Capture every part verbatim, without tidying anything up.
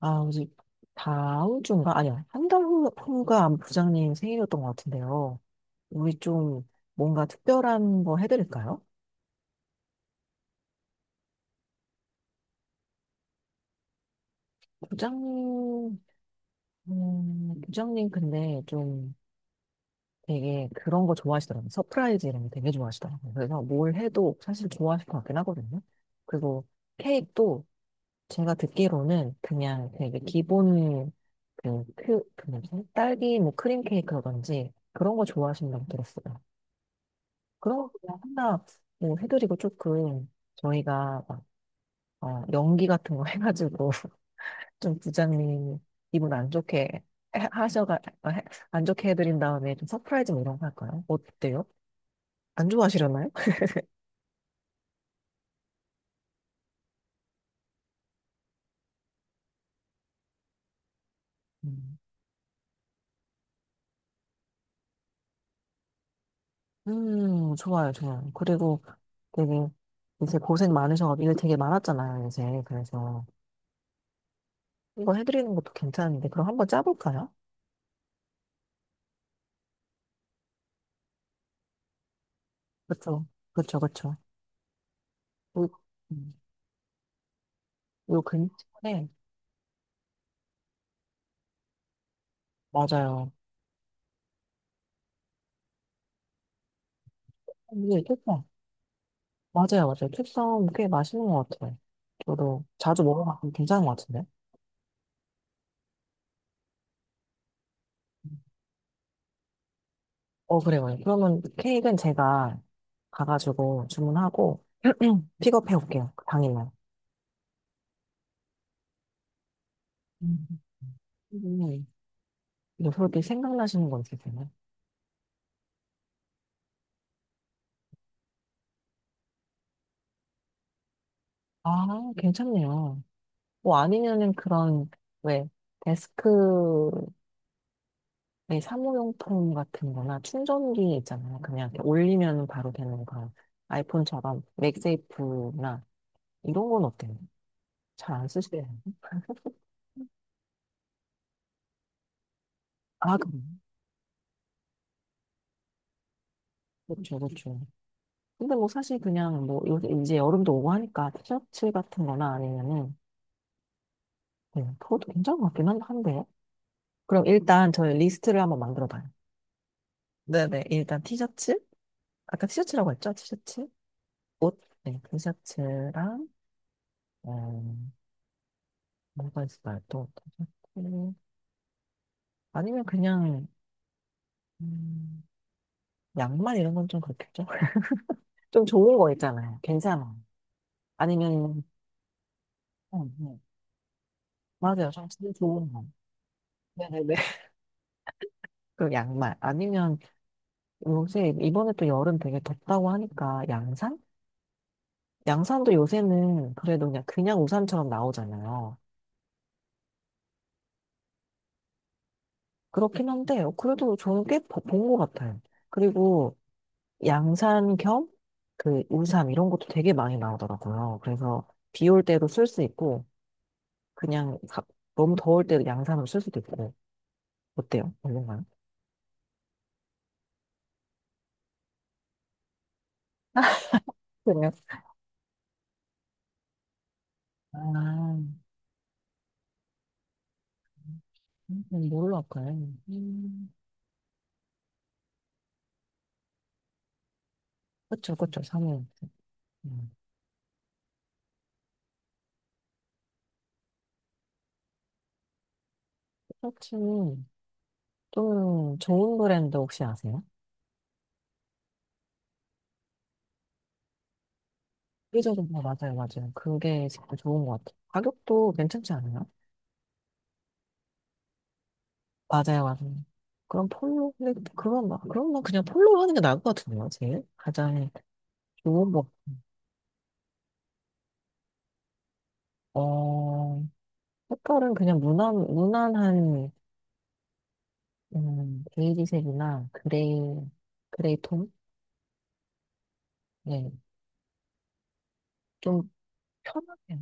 아, 이제 다음 주인가? 아니야. 한 달 후가 아마 부장님 생일이었던 것 같은데요. 우리 좀 뭔가 특별한 거 해드릴까요? 부장님, 음, 부장님 근데 좀 되게 그런 거 좋아하시더라고요. 서프라이즈 이런 거 되게 좋아하시더라고요. 그래서 뭘 해도 사실 좋아하실 것 같긴 하거든요. 그리고 케이크도 제가 듣기로는 그냥 되게 기본 그, 그, 그 뭐지? 딸기 뭐 크림 케이크라든지 그런 거 좋아하신다고 들었어요. 그런 거 그냥 하나 뭐 해드리고 조금 저희가 막, 어, 연기 같은 거 해가지고 좀 부장님 기분 안 좋게 해- 하셔가 어, 해- 안 좋게 해드린 다음에 좀 서프라이즈 뭐 이런 거 할까요? 어때요? 안 좋아하시려나요? 음, 음, 좋아요, 좋아요. 그리고 되게 이제 고생 많으셔가지고 일 되게 많았잖아요, 이제. 그래서 이거 해드리는 것도 괜찮은데 그럼 한번 짜볼까요? 그렇죠, 그렇죠, 그렇죠. 요, 음, 요 근처에 맞아요. 이게 맞아요, 맞아요. 캡섬 꽤 맛있는 것 같아요. 저도 자주 먹어봤는데 괜찮은 것 같은데. 어, 그래요. 그래요. 그러면 케이크는 제가 가가지고 주문하고 픽업해 올게요. 그 당일날. 음. 음. 뭐 그렇게 생각나시는 건 있으세요? 아, 괜찮네요. 뭐 아니면은 그런, 왜, 데스크에 사무용품 같은 거나 충전기 있잖아요. 그냥 이렇게 올리면 바로 되는 그런 아이폰처럼 맥세이프나 이런 건 어때요? 잘 안 쓰시대요. 아, 그럼. 그렇죠, 그렇죠. 근데 뭐 사실 그냥 뭐 요새 이제 여름도 오고 하니까 티셔츠 같은 거나 아니면은 그 그것도 괜찮은 것 같긴 한- 한데. 그럼 일단 저희 리스트를 한번 만들어 봐요. 네네. 일단 티셔츠. 아까 티셔츠라고 했죠? 티셔츠. 옷. 네, 티셔츠랑, 음, 뭐가 있을까요? 또 티셔츠. 아니면 그냥, 음, 양말 이런 건 좀 그렇겠죠? 좀 좋은 거 있잖아요. 괜찮아. 아니면, 음, 음. 맞아요. 좀 진짜 좋은 거. 네네네. 그 양말 아니면 요새 이번에 또 여름 되게 덥다고 하니까 양산? 양산도 요새는 그래도 그냥 그냥 우산처럼 나오잖아요. 그렇긴 한데 어, 그래도 저는 꽤 본 것 같아요. 그리고 양산 겸 그 우산 이런 것도 되게 많이 나오더라고요. 그래서 비 올 때도 쓸 수 있고 그냥 가- 너무 더울 때도 양산으로 쓸 수도 있고 어때요? 얼마나? 그래요? 아, 음, 뭘로 할까요? 음, 그쵸, 그쵸, 사모님. 음, 셔츠는 좀 좋은 브랜드 혹시 아세요? 프리저도 어, 맞아요, 맞아요. 그게 진짜 좋은 것 같아요. 가격도 괜찮지 않아요? 맞아요, 맞아요. 그럼 폴로, 근데 그건 막, 그런 건 그냥 폴로 하는 게 나을 것 같은데요, 제일? 가장 좋은 거. 어, 색깔은 그냥 무난, 무난한, 음, 베이지색이나 그레이, 그레이 톤? 네. 좀 편하게.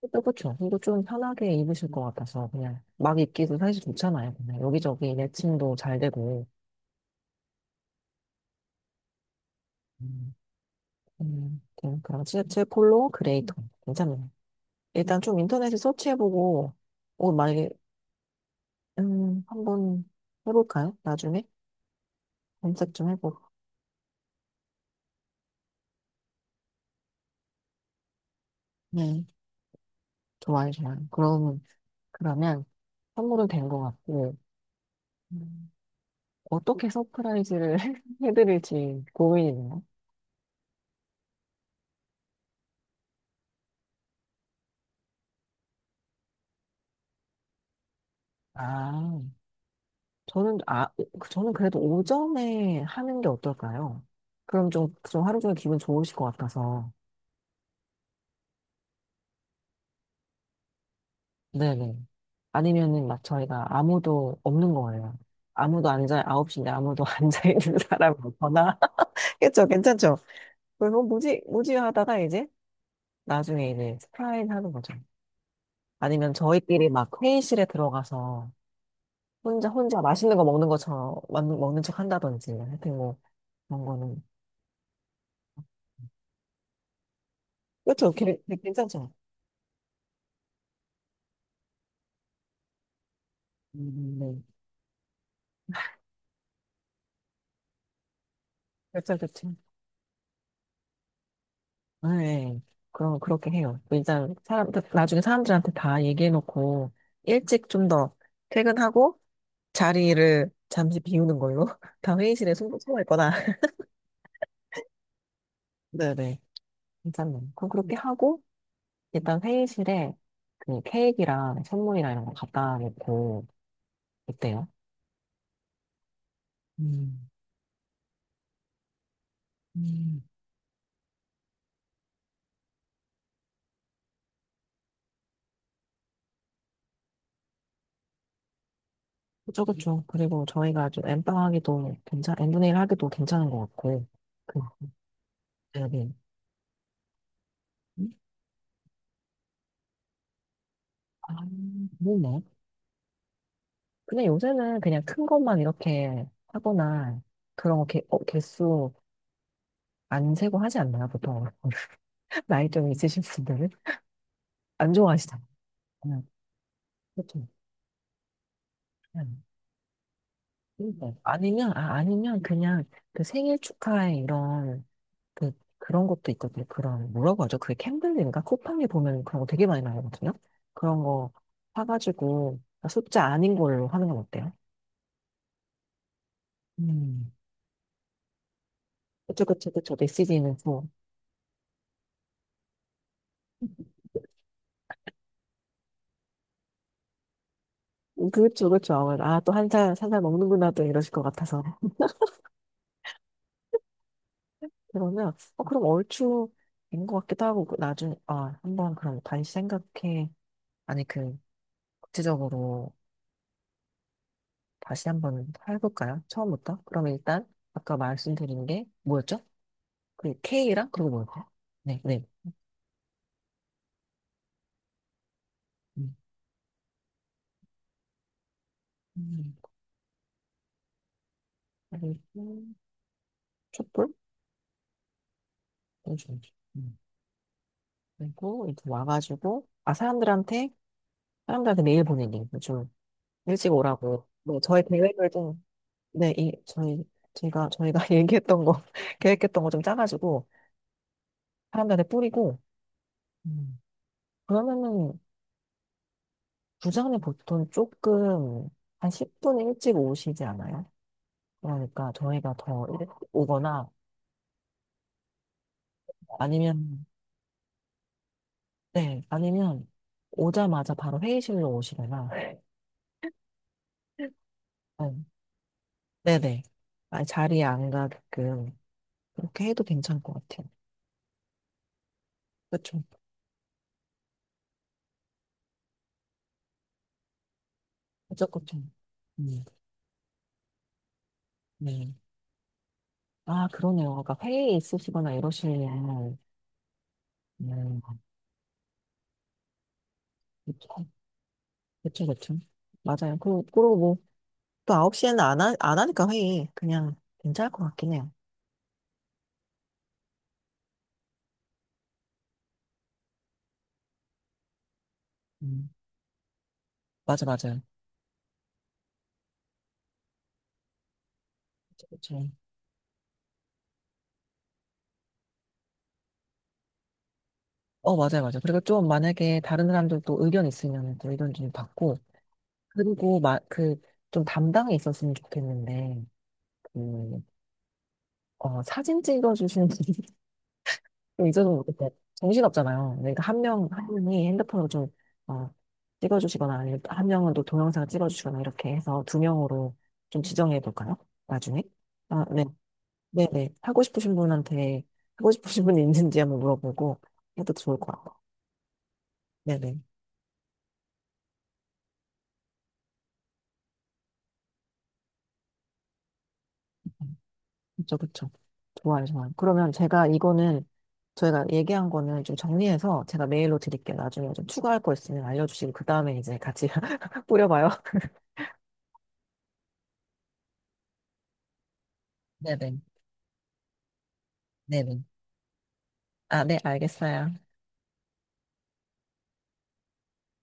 그쵸, 그쵸. 이거 좀 편하게 입으실 것 같아서 그냥 막 입기도 사실 좋잖아요. 그냥 여기저기 매칭도 잘 되고. 음. 음, 그럼 그럼 제, 제 폴로 그레이톤 괜찮네요. 일단 좀 인터넷에 서치해보고 오 만약에 음 한번 해볼까요? 나중에 검색 좀 해보고. 네, 좋아요, 좋아요. 그러면 그러면 선물은 된 것 같고 음, 어떻게 서프라이즈를 해드릴지 고민이네요. 아, 저는 아 그- 저는 그래도 오전에 하는 게 어떨까요? 그럼 좀 좀 하루 종일 기분 좋으실 것 같아서. 네네. 아니면은 막 저희가 아무도 없는 거예요. 아무도 앉아, 아홉 시인데 아무도 앉아있는 사람이 없거나. 그쵸, 괜찮죠? 그래서 뭐지, 뭐지 하다가 이제 나중에 이제 스프라인 하는 거죠. 아니면 저희끼리 막 회의실에 들어가서 혼자, 혼자 맛있는 거 먹는 것처럼, 먹는, 먹는 척 한다든지, 하여튼 뭐, 그런 거는. 그쵸, 괜- 괜찮죠? 음, 네. 그쵸, 그쵸. 네. 그럼 그렇게 해요. 일단 사람 나중에 사람들한테 다 얘기해 놓고 일찍 좀 더 퇴근하고 자리를 잠시 비우는 걸로 다 회의실에 숨 숨어 있거나. 네네. 괜찮네요. 그럼 그렇게 하고 일단 회의실에 그 케이크랑 선물이나 이런 거 갖다 놓고 있대요. 음. 음. 그쵸, 그쵸. 그리고 저희가 좀 엠빵하기도 괜찮 엠분의 일 하기도 괜찮은 것 같고. 그 네네. 음? 아, 그렇네. 근데 요새는 그냥 큰 것만 이렇게 하거나 그런 거 개, 어, 개수 안 세고 하지 않나요? 보통 나이 좀 있으신 분들은 안 좋아하시잖아요. 그냥 보 그냥 힘들. 아니면 아 아니면 그냥 그 생일 축하에 이런 그 그런 것도 있거든요. 그런 뭐라고 하죠? 그게 캔들인가? 쿠팡에 보면 그런 거 되게 많이 나오거든요. 그런 거 사가지고 아, 숫자 아닌 걸로 하는 건 어때요? 음. 그쵸, 그쵸, 그쵸. 메시지 는 음, 그렇죠, 그렇죠. 아, 또 한 살, 한 살 먹는구나, 또 이러실 것 같아서. 그러면, 어, 그럼 얼추 된 것 같기도 하고, 그 나중에, 아, 한번 그럼 다시 생각해. 아니, 그, 구체적으로 다시 한번 해볼까요? 처음부터? 그럼 일단, 아까 말씀드린 게 뭐였죠? 그 K랑, 그리고 뭐였죠? 네, 네. 음, 음, 그리고 촛불? 요즘. 음, 그리고 이렇게 와가지고, 아, 사람들한테, 사람들한테 메일 보내기. 요즘 일찍 오라고. 뭐, 저희 계획을 좀 네, 이, 저희, 제가, 저희가 얘기했던 거, 계획했던 거 좀 짜가지고, 사람들한테 뿌리고, 음, 그러면은, 부장님 보통 조금, 한 십 분 일찍 오시지 않아요? 그러니까 저희가 더 일찍 오거나, 아니면, 네, 아니면, 오자마자 바로 회의실로 오시거나, 네, 네네. 아, 자리에 안 가게끔, 그렇게 해도 괜찮을 것 같아요. 그쵸. 그쵸, 그쵸. 음, 네. 아, 그러네요. 그러니까 회의 있으시거나 이러시면, 음, 그쵸, 그쵸, 그쵸. 맞아요. 그, 그리고 뭐, 또 아홉 시에는 안, 하, 안 하니까 회의. 그냥 괜찮을 것 같긴 해요. 음, 맞아, 맞아요. 그쵸, 그쵸. 어, 맞아요, 맞아요. 그리고 좀 만약에 다른 사람들도 의견 있으면 또 의견 좀 받고, 그리고 마, 그, 좀 담당이 있었으면 좋겠는데, 그, 어, 사진 찍어주시는 이제는 그때 정신없잖아요. 그러니까 한 명, 한 명이 핸드폰으로 좀, 어, 찍어주시거나, 아니면 또한 명은 또 동영상 을 찍어주시거나, 이렇게 해서 두 명으로 좀 지정해 볼까요? 나중에? 아, 네. 네네. 하고 싶으신 분한테, 하고 싶으신 분이 있는지 한번 물어보고 해도 좋을 것 같아요. 네네. 그쵸, 그쵸. 좋아요, 좋아요. 그러면 제가 이거는, 저희가 얘기한 거는 좀 정리해서 제가 메일로 드릴게요. 나중에 좀 추가할 거 있으면 알려주시고, 그 다음에 이제 같이 뿌려봐요. 네네. 네네. 아, 네, 알겠어요.